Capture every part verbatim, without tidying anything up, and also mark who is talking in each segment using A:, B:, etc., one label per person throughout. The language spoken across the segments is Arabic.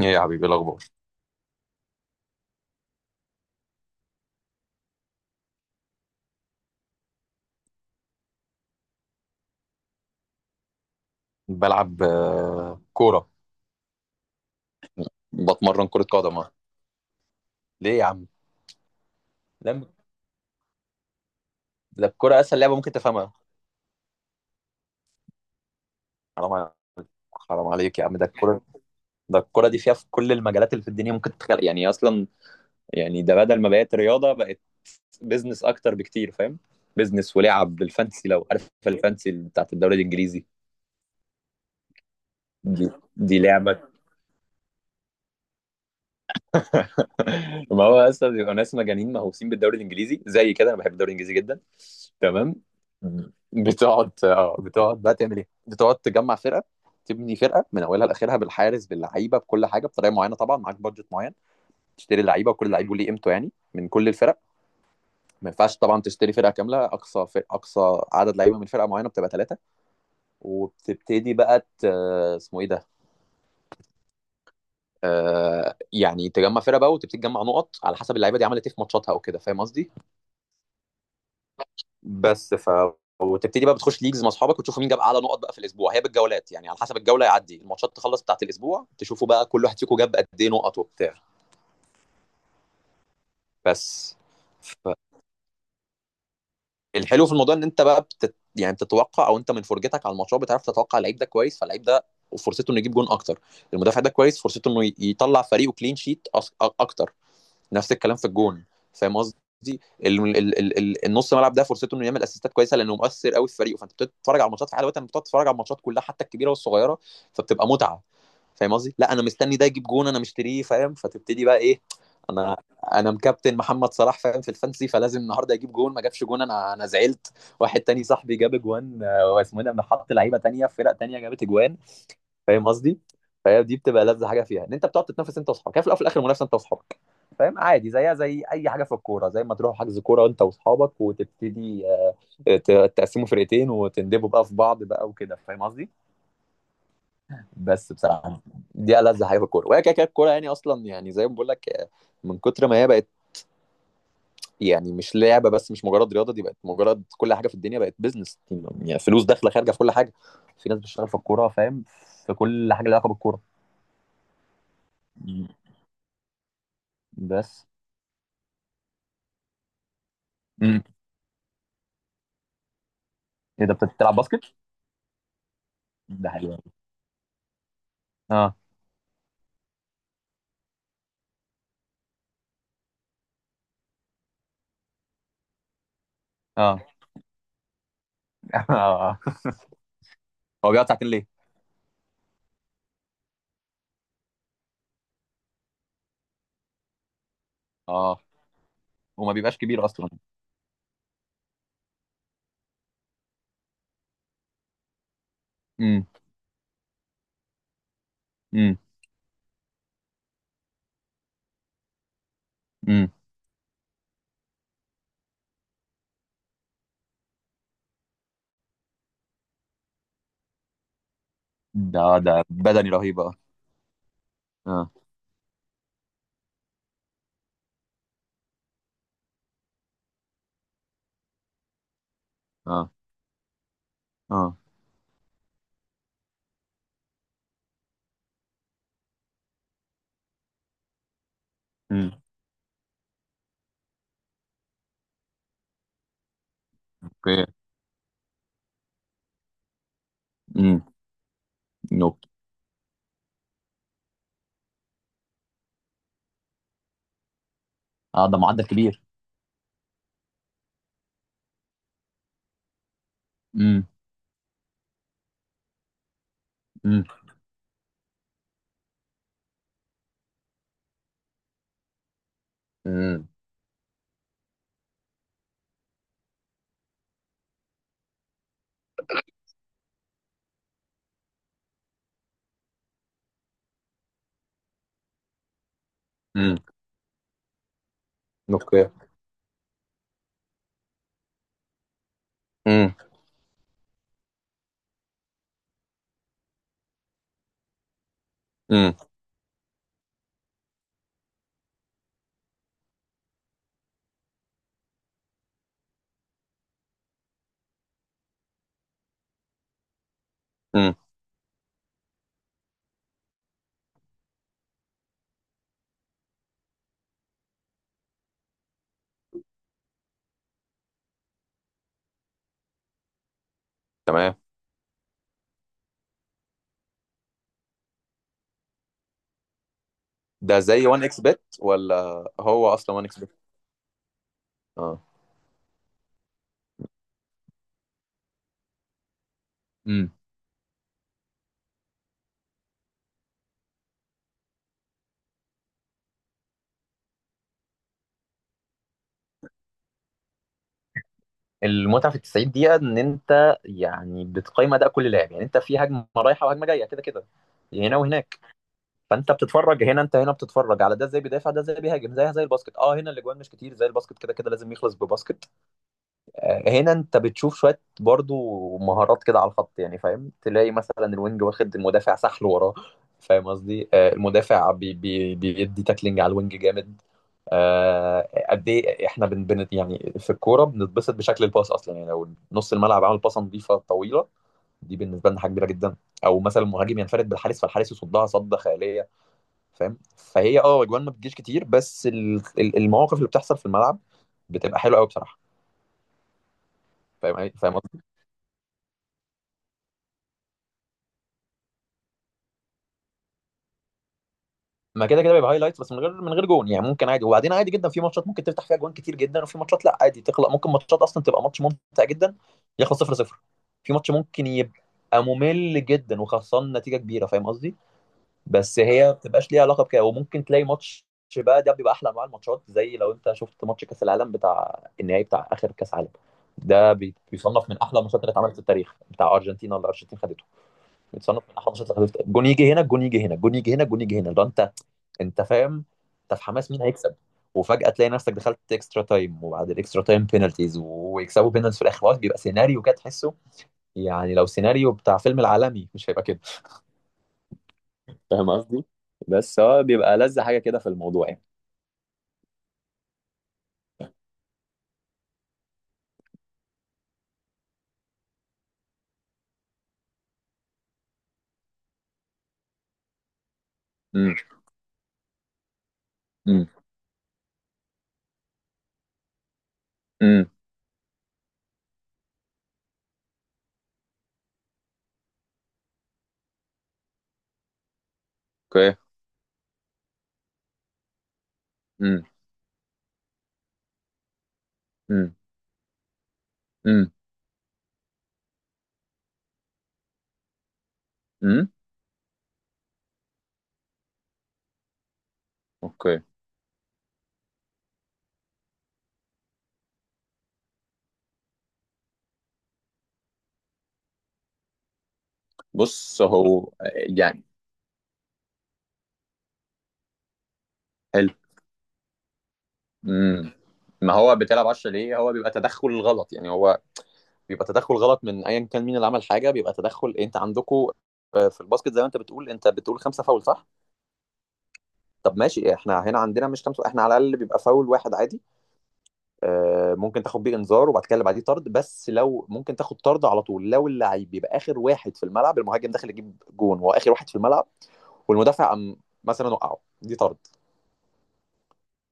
A: ايه يا حبيبي إيه الاخبار. بلعب آه، كوره. بتمرن كره قدم آه. ليه يا عم؟ لا، ده الكوره اسهل لعبه ممكن تفهمها. حرام ع- حرام عليك يا عم، ده الكوره. ده الكوره دي فيها في كل المجالات اللي في الدنيا ممكن تتخيل يعني اصلا. يعني ده بدل ما بقت رياضه بقت بيزنس اكتر بكتير، فاهم؟ بيزنس ولعب بالفانسي، لو عارف الفانسي بتاعت الدوري الانجليزي. دي دي لعبه. ما هو اصلا بيبقى ناس مجانين مهووسين بالدوري الانجليزي زي كده. انا بحب الدوري الانجليزي جدا. تمام. بتقعد، اه، بتقعد بقى تعمل ايه؟ بتقعد تجمع فرقه، تبني فرقه من اولها لاخرها، بالحارس، باللعيبه، بكل حاجه، بطريقه معينه. طبعا معاك بادجت معين، تشتري لعيبه، وكل لعيب ليه قيمته يعني، من كل الفرق. ما ينفعش طبعا تشتري فرقه كامله. اقصى فر... اقصى عدد لعيبه من فرقه معينه بتبقى ثلاثه. وبتبتدي بقى ت... اسمه ايه ده؟ آه... يعني تجمع فرقه بقى، وتبتدي تجمع نقط على حسب اللعيبه دي عملت ايه في ماتشاتها وكده، فاهم قصدي؟ بس ف وتبتدي بقى بتخش ليجز مع اصحابك، وتشوفوا مين جاب اعلى نقط بقى في الاسبوع، هي بالجولات يعني، على حسب الجوله يعدي الماتشات تخلص بتاعت الاسبوع، تشوفوا بقى كل واحد فيكم جاب قد ايه نقط وبتاع. بس ف- الحلو في الموضوع ان انت بقى بتت... يعني بتتوقع، او انت من فرجتك على الماتشات بتعرف تتوقع اللعيب ده كويس، فاللعيب ده فرصته انه يجيب جون اكتر. المدافع ده كويس، فرصته انه ي- يطلع فريقه كلين شيت أص... أ- اكتر. نفس الكلام في الجون، فاهم قصدي؟ ال- ال- ال- ال- النص ملعب ده فرصته انه يعمل اسيستات كويسه، لانه مؤثر قوي في فريقه، فانت بتتفرج على الماتشات في حاله وقتها، انت بتتفرج على الماتشات كلها حتى الكبيره والصغيره. فبتبقى متعه. فاهم قصدي؟ لا انا مستني ده يجيب جون، انا مشتريه، فاهم؟ فتبتدي بقى ايه، انا انا مكابتن محمد صلاح، فاهم؟ في الفانسي، فلازم النهارده يجيب جون. ما جابش جون، انا انا زعلت. واحد تاني صاحبي جاب جوان، آه، واسمه إيه ده، أنا حط لعيبه تانيه في فرق تانيه جابت جوان. فاهم قصدي؟ فهي دي بتبقى لذة حاجه فيها، ان انت بتقعد تتنافس انت واصحابك. هي في الاول وفي الاخر منافسه انت واصحابك، فاهم؟ عادي، زيها زي اي حاجه في الكوره، زي ما تروحوا حجز كوره انت واصحابك وتبتدي، آه، ت- تقسموا فرقتين وتندبوا بقى في بعض بقى وكده، فاهم قصدي؟ بس بصراحه دي ألذ حاجه في الكوره. وهي كده كده الكوره يعني اصلا، يعني زي ما بقول لك، آه، من كتر ما هي بقت يعني مش لعبه بس، مش مجرد رياضه، دي بقت مجرد كل حاجه في الدنيا بقت بيزنس، يعني فلوس داخله خارجه في كل حاجه. في ناس بتشتغل في الكوره، فاهم؟ في كل حاجه لها علاقه بالكوره. مم. بس. امم، ايه ده، بت- بتلعب باسكت؟ ده حلو أوي. اه. اه. آه. هو بيقعد ساعتين ليه؟ اه، وما بيبقاش كبير اصلا. امم. امم. امم. ده ده بدني رهيب، اه. اه. اه. اه. امم. اوكي. امم. نوك. اه، ده معدل كبير. امم. امم. امم. امم. اوكي. امم. امم. امم. تمام. ده زي ون اكس بت ولا؟ هو اصلا ون اكس بت. اه. المتعه في ال تسعين دقيقة دقيقه ان انت يعني بتقيم اداء كل لاعب، يعني انت في هجمه رايحه وهجمه جايه كده كده، هنا وهناك. فانت بتتفرج هنا، انت هنا بتتفرج على ده ازاي بيدافع، ده ازاي بيهاجم، زيها زي الباسكت. اه، هنا الاجوان مش كتير زي الباسكت، كده كده لازم يخلص بباسكت. آه، هنا انت بتشوف شويه برضو مهارات كده على الخط يعني، فاهم؟ تلاقي مثلا الوينج واخد المدافع سحل وراه، فاهم قصدي؟ آه، المدافع بي بي بيدي تاكلينج على الوينج جامد. آه، قد ايه احنا بن بن يعني في الكوره بنتبسط بشكل الباص اصلا، يعني لو نص الملعب عمل باصه نظيفه طويله، دي بالنسبه لنا حاجه كبيره جدا. او مثلا المهاجم ينفرد بالحارس، فالحارس يصدها صده خياليه، فاهم؟ فهي اه اجوان ما بتجيش كتير، بس ال- ال- المواقف اللي بتحصل في الملعب بتبقى حلوه قوي بصراحه. فاهم فاهم ما كده كده بيبقى هايلايتس، بس من غير من غير جون يعني، ممكن عادي. وبعدين عادي جدا في ماتشات ممكن تفتح فيها جوان كتير جدا، وفي ماتشات لا، عادي تخلق ممكن ماتشات اصلا تبقى ماتش ممتع جدا يخلص صفر صفر. في ماتش ممكن يبقى ممل جدا وخسران نتيجه كبيره، فاهم قصدي؟ بس هي ما بتبقاش ليها علاقه بكده. وممكن تلاقي ماتش بقى، ده بيبقى احلى انواع الماتشات. زي لو انت شفت ماتش كاس العالم بتاع النهائي بتاع اخر كاس عالم، ده بي- بيصنف من احلى الماتشات اللي اتعملت في التاريخ، بتاع ارجنتينا، اللي الارجنتين خدته. بيتصنف من احلى الماتشات، اللي خدته جون يجي هنا، جون يجي هنا، جون يجي هنا، جون يجي هنا، ده انت، انت فاهم؟ انت في حماس مين هيكسب. وفجأة تلاقي نفسك دخلت اكسترا تايم، وبعد الاكسترا تايم بينالتيز، ويكسبوا بينالتيز في الاخر، خلاص بيبقى سيناريو كده تحسه يعني لو سيناريو بتاع فيلم العالمي مش هيبقى كده. فاهم قصدي؟ بس هو بيبقى لذة حاجة كده في الموضوع يعني. امم. امم. امم. اوكي. امم. امم. امم. امم. اوكي. بص هو يعني، حلو. امم. ما هو بتلعب عشرة ليه، هو بيبقى تدخل غلط يعني. هو بيبقى تدخل غلط من ايا كان مين اللي عمل حاجه، بيبقى تدخل. انت عندكم في الباسكت زي ما انت بتقول، انت بتقول خمسه فاول، صح؟ طب ماشي، احنا هنا عندنا مش خمسه، احنا على الاقل بيبقى فاول واحد عادي، آه، ممكن تاخد بيه انذار، وبعد كده اللي بعديه طرد. بس لو ممكن تاخد طرد على طول لو اللعيب بيبقى اخر واحد في الملعب، المهاجم داخل يجيب جون وهو اخر واحد في الملعب، والمدافع قام مثلا وقعه، دي طرد.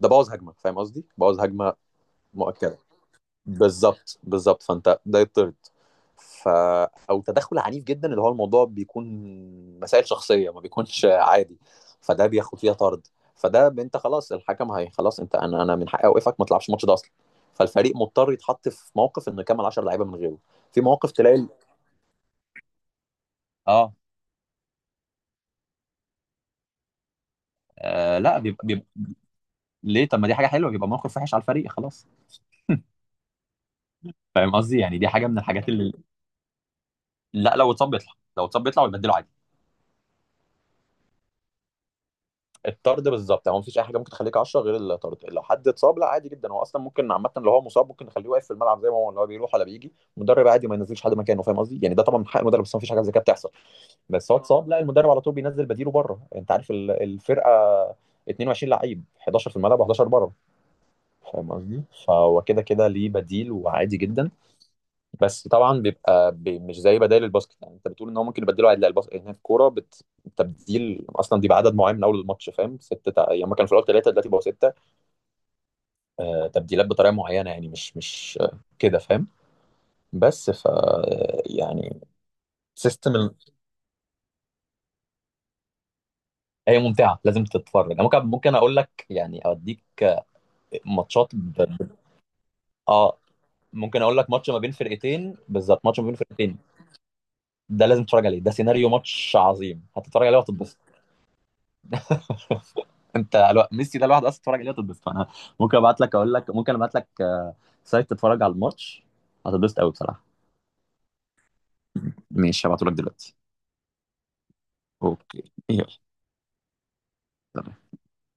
A: ده بوظ هجمه، فاهم قصدي؟ بوظ هجمه مؤكده. بالظبط، بالظبط، فانت ده يطرد. ف، او تدخل عنيف جدا، اللي هو الموضوع بيكون مسائل شخصيه، ما بيكونش عادي، فده بياخد فيها طرد. فده ب- انت خلاص، الحكم هي خلاص، انت، انا انا من حقي اوقفك ما تلعبش الماتش ده اصلا. فالفريق مضطر يتحط في موقف انه يكمل عشرة لعيبه من غيره. في مواقف تلاقي ال- اه آه، لا بيبقى, بيبقى ليه؟ طب ما دي حاجه حلوه، بيبقى موقف وحش على الفريق، خلاص. فاهم قصدي؟ يعني دي حاجه من الحاجات اللي، لا لو اتصاب بيطلع، لو اتصاب بيطلع ويبدله عادي. الطرد بالظبط يعني، هو مفيش اي حاجه ممكن تخليك عشرة غير الطرد. لو حد اتصاب لا عادي جدا، هو اصلا ممكن عامه لو هو مصاب ممكن نخليه واقف في الملعب زي ما هو، لو بيروح ولا بيجي المدرب عادي ما ينزلش حد مكانه، فاهم قصدي يعني؟ ده طبعا من حق المدرب، بس مفيش حاجه زي كده بتحصل. بس هو اه اتصاب لا، المدرب على طول بينزل بديله بره. انت عارف ال- الفرقه اتنين وعشرين لعيب، حداشر في الملعب و حداشر بره، فاهم قصدي؟ فهو كده كده ليه بديل، وعادي جدا. بس طبعا بيبقى بي مش زي بدائل الباسكت، يعني انت بتقول ان هو ممكن يبدلوا عدل الباسكت، هنا الكوره بت... تبديل اصلا دي بعدد معين من اول الماتش، فاهم؟ سته تع... يعني هما كانوا في الاول ثلاثه دلوقتي بقوا سته. آه، تبديلات بطريقه معينه يعني، مش مش آه كده فاهم. بس ف آه، يعني سيستم ال... هي ممتعه لازم تتفرج. انا ممكن ممكن اقول لك يعني اوديك ماتشات ب... ب- اه ممكن اقول لك ماتش ما بين فرقتين، بالظبط ماتش ما بين فرقتين. ده لازم تتفرج عليه، ده سيناريو ماتش عظيم، هتتفرج عليه وهتتبسط. انت الو... ميسي ده الواحد اصلا تتفرج عليه هتتبسط. فانا ممكن ابعت لك، اقول لك ممكن ابعت لك، آه، سايت تتفرج على الماتش، هتتبسط قوي بصراحه. ماشي، هبعته لك دلوقتي. اوكي، يلا.